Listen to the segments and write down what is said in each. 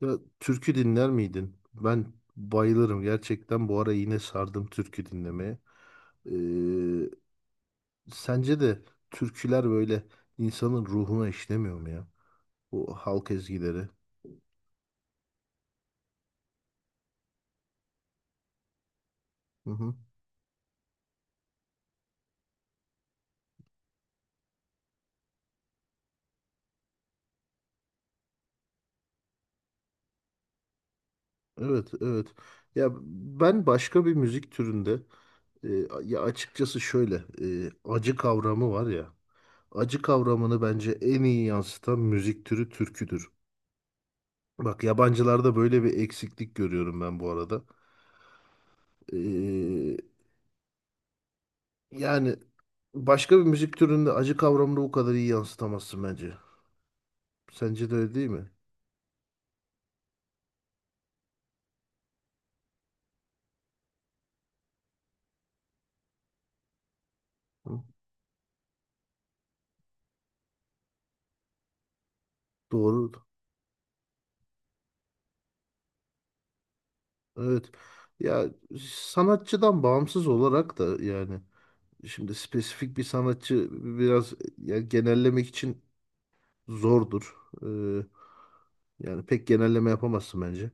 Ya türkü dinler miydin? Ben bayılırım gerçekten. Bu ara yine sardım türkü dinlemeye. Ee, Sence de türküler böyle insanın ruhuna işlemiyor mu ya? O halk ezgileri. Hı hı. Evet, evet. Ya ben başka bir müzik türünde, e, ya açıkçası şöyle, acı kavramı var ya. Acı kavramını bence en iyi yansıtan müzik türü türküdür. Bak yabancılarda böyle bir eksiklik görüyorum ben bu arada. Ee, Yani başka bir müzik türünde acı kavramını bu kadar iyi yansıtamazsın bence. Sence de öyle değil mi? Hı? Doğru. Evet. Ya sanatçıdan bağımsız olarak da, yani şimdi spesifik bir sanatçı biraz ya genellemek için zordur. Ee, Yani pek genelleme yapamazsın bence.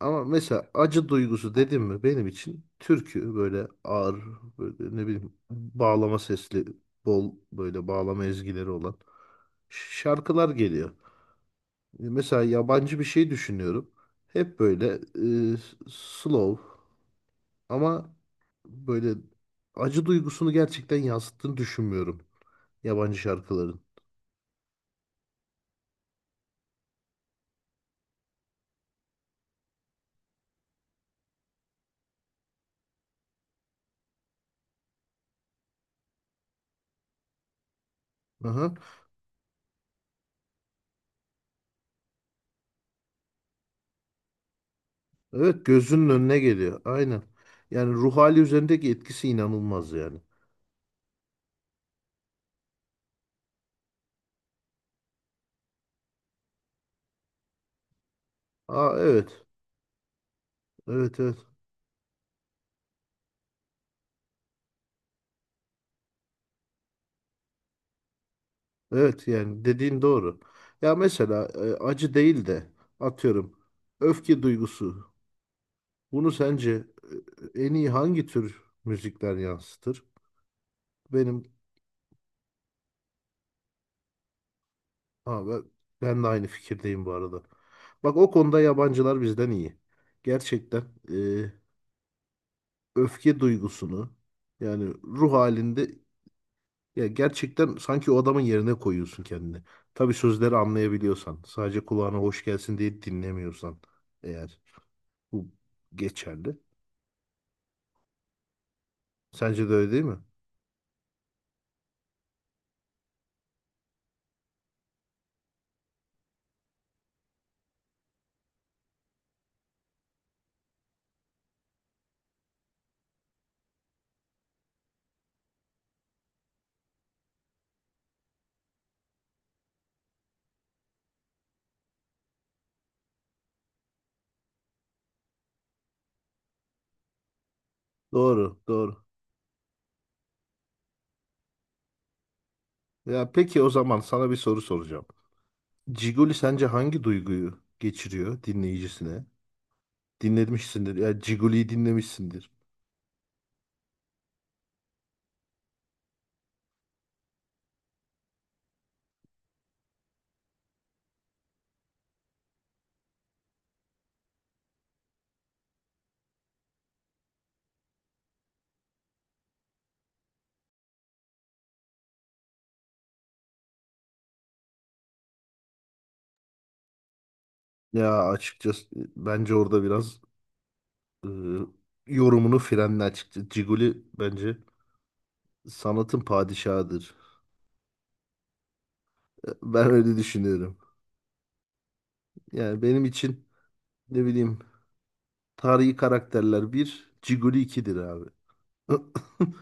Ama mesela acı duygusu dedim mi benim için türkü böyle ağır, böyle ne bileyim bağlama sesli, bol böyle bağlama ezgileri olan şarkılar geliyor. Mesela yabancı bir şey düşünüyorum. Hep böyle, e, slow, ama böyle acı duygusunu gerçekten yansıttığını düşünmüyorum yabancı şarkıların. Aha. Evet, gözünün önüne geliyor. Aynen. Yani ruh hali üzerindeki etkisi inanılmaz yani. Aa, evet. Evet, evet. Evet, yani dediğin doğru. Ya mesela, acı değil de atıyorum öfke duygusu. Bunu sence, en iyi hangi tür müzikler yansıtır? Benim ha, ben, ben de aynı fikirdeyim bu arada. Bak, o konuda yabancılar bizden iyi. Gerçekten, e, öfke duygusunu, yani ruh halinde, ya gerçekten sanki o adamın yerine koyuyorsun kendini. Tabii sözleri anlayabiliyorsan, sadece kulağına hoş gelsin diye dinlemiyorsan eğer. Bu geçerli. Sence de öyle değil mi? Doğru, doğru. Ya peki, o zaman sana bir soru soracağım. Ciguli sence hangi duyguyu geçiriyor dinleyicisine? Dinlemişsindir. Ya Ciguli'yi dinlemişsindir. Ya açıkçası, bence orada biraz, e, yorumunu frenle açıkçası. Ciguli bence sanatın padişahıdır. Ben öyle düşünüyorum. Yani benim için ne bileyim, tarihi karakterler bir, Ciguli ikidir abi.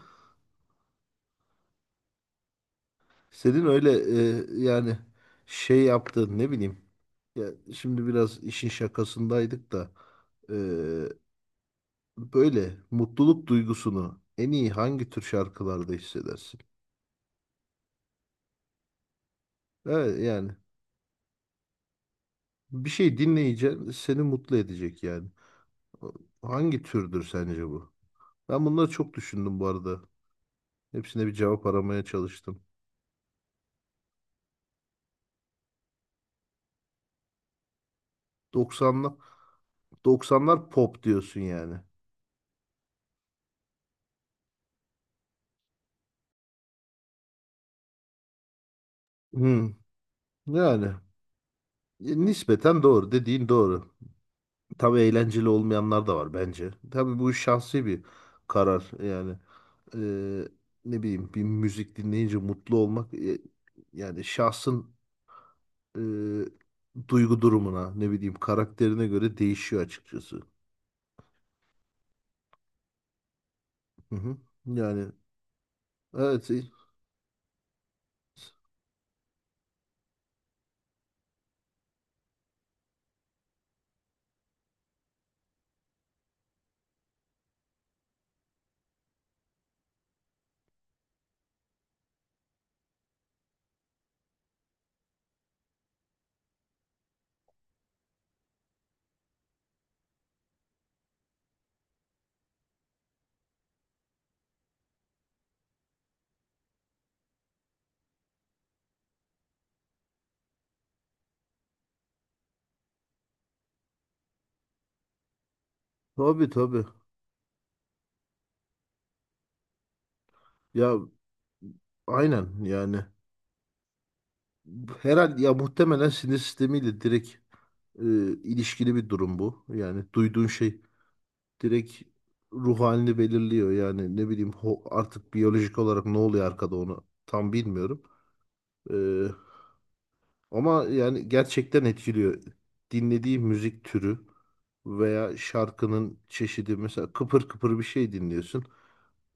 Senin öyle, yani şey yaptığın ne bileyim. Ya şimdi biraz işin şakasındaydık da, e, böyle mutluluk duygusunu en iyi hangi tür şarkılarda hissedersin? Evet, yani bir şey dinleyeceksin seni mutlu edecek yani. Hangi türdür sence bu? Ben bunları çok düşündüm bu arada. Hepsine bir cevap aramaya çalıştım. 90'lar. 90'lar pop diyorsun yani. Hmm, Yani, nispeten doğru, dediğin doğru. Tabii eğlenceli olmayanlar da var bence. Tabii bu şahsi bir karar yani. Eee, Ne bileyim, bir müzik dinleyince mutlu olmak, yani şahsın, e, duygu durumuna, ne bileyim, karakterine göre değişiyor açıkçası. Hı hı. Yani evet, tabii tabii, ya aynen yani, herhalde ya muhtemelen sinir sistemiyle direkt, e, ilişkili bir durum bu. Yani duyduğun şey direkt ruh halini belirliyor. Yani ne bileyim, artık biyolojik olarak ne oluyor arkada, onu tam bilmiyorum. Ee, Ama yani gerçekten etkiliyor. Dinlediği müzik türü veya şarkının çeşidi, mesela kıpır kıpır bir şey dinliyorsun.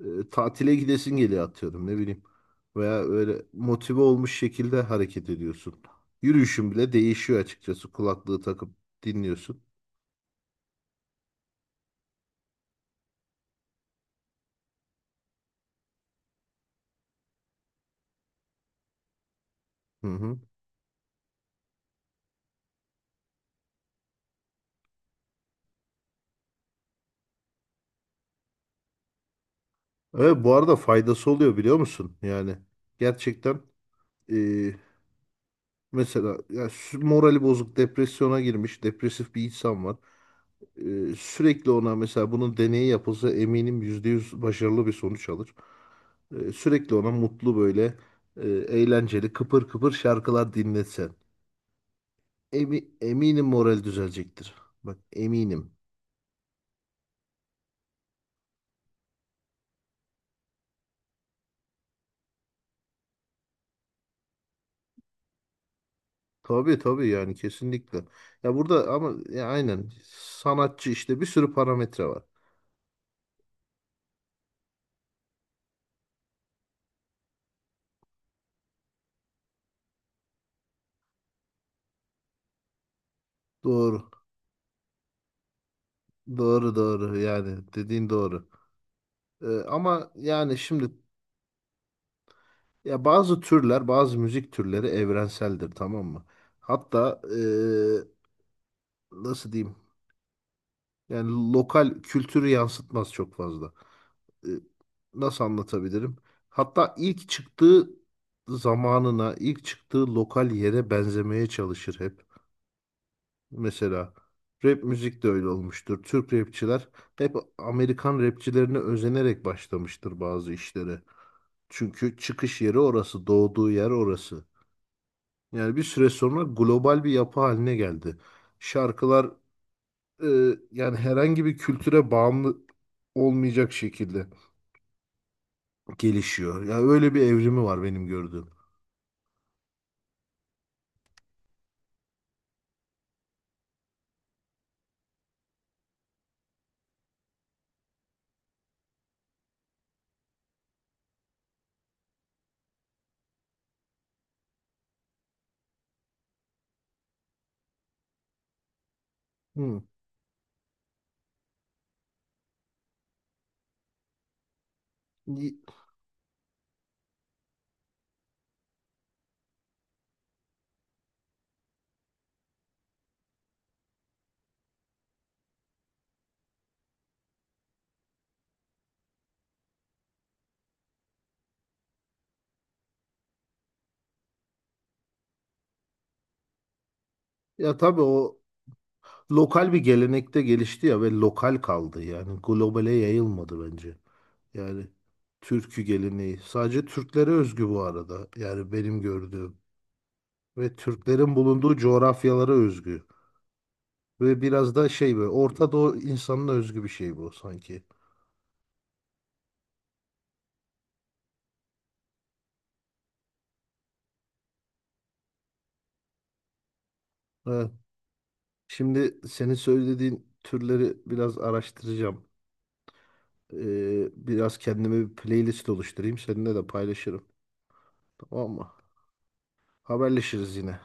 Tatile gidesin geliyor, atıyorum, ne bileyim. Veya öyle motive olmuş şekilde hareket ediyorsun. Yürüyüşün bile değişiyor açıkçası, kulaklığı takıp dinliyorsun. Hı hı. Evet, bu arada faydası oluyor biliyor musun? Yani gerçekten, Ee, mesela ya morali bozuk, depresyona girmiş, depresif bir insan var. Sürekli ona, mesela bunun deneyi yapılsa eminim %100 başarılı bir sonuç alır. Sürekli ona mutlu böyle, eğlenceli, kıpır kıpır şarkılar dinletsen. Eminim moral düzelecektir. Bak, eminim. Tabii tabii, yani kesinlikle. Ya burada ama, ya aynen, sanatçı işte, bir sürü parametre var. Doğru. Doğru doğru, yani dediğin doğru. Ama yani şimdi, ya bazı türler, bazı müzik türleri evrenseldir, tamam mı? Hatta, nasıl diyeyim? Yani lokal kültürü yansıtmaz çok fazla. Ee, Nasıl anlatabilirim? Hatta ilk çıktığı zamanına, ilk çıktığı lokal yere benzemeye çalışır hep. Mesela rap müzik de öyle olmuştur. Türk rapçiler hep Amerikan rapçilerine özenerek başlamıştır bazı işlere. Çünkü çıkış yeri orası, doğduğu yer orası. Yani bir süre sonra global bir yapı haline geldi. Şarkılar, e, yani herhangi bir kültüre bağımlı olmayacak şekilde gelişiyor. Yani öyle bir evrimi var benim gördüğüm. Hı. Y- Ya tabii o lokal bir gelenekte gelişti ya, ve lokal kaldı, yani globale yayılmadı bence. Yani türkü geleneği. Sadece Türklere özgü bu arada. Yani benim gördüğüm. Ve Türklerin bulunduğu coğrafyalara özgü. Ve biraz da şey, böyle Orta Doğu insanına özgü bir şey bu sanki. Ha, şimdi senin söylediğin türleri biraz araştıracağım. Biraz kendime bir playlist oluşturayım. Seninle de paylaşırım. Tamam mı? Haberleşiriz yine.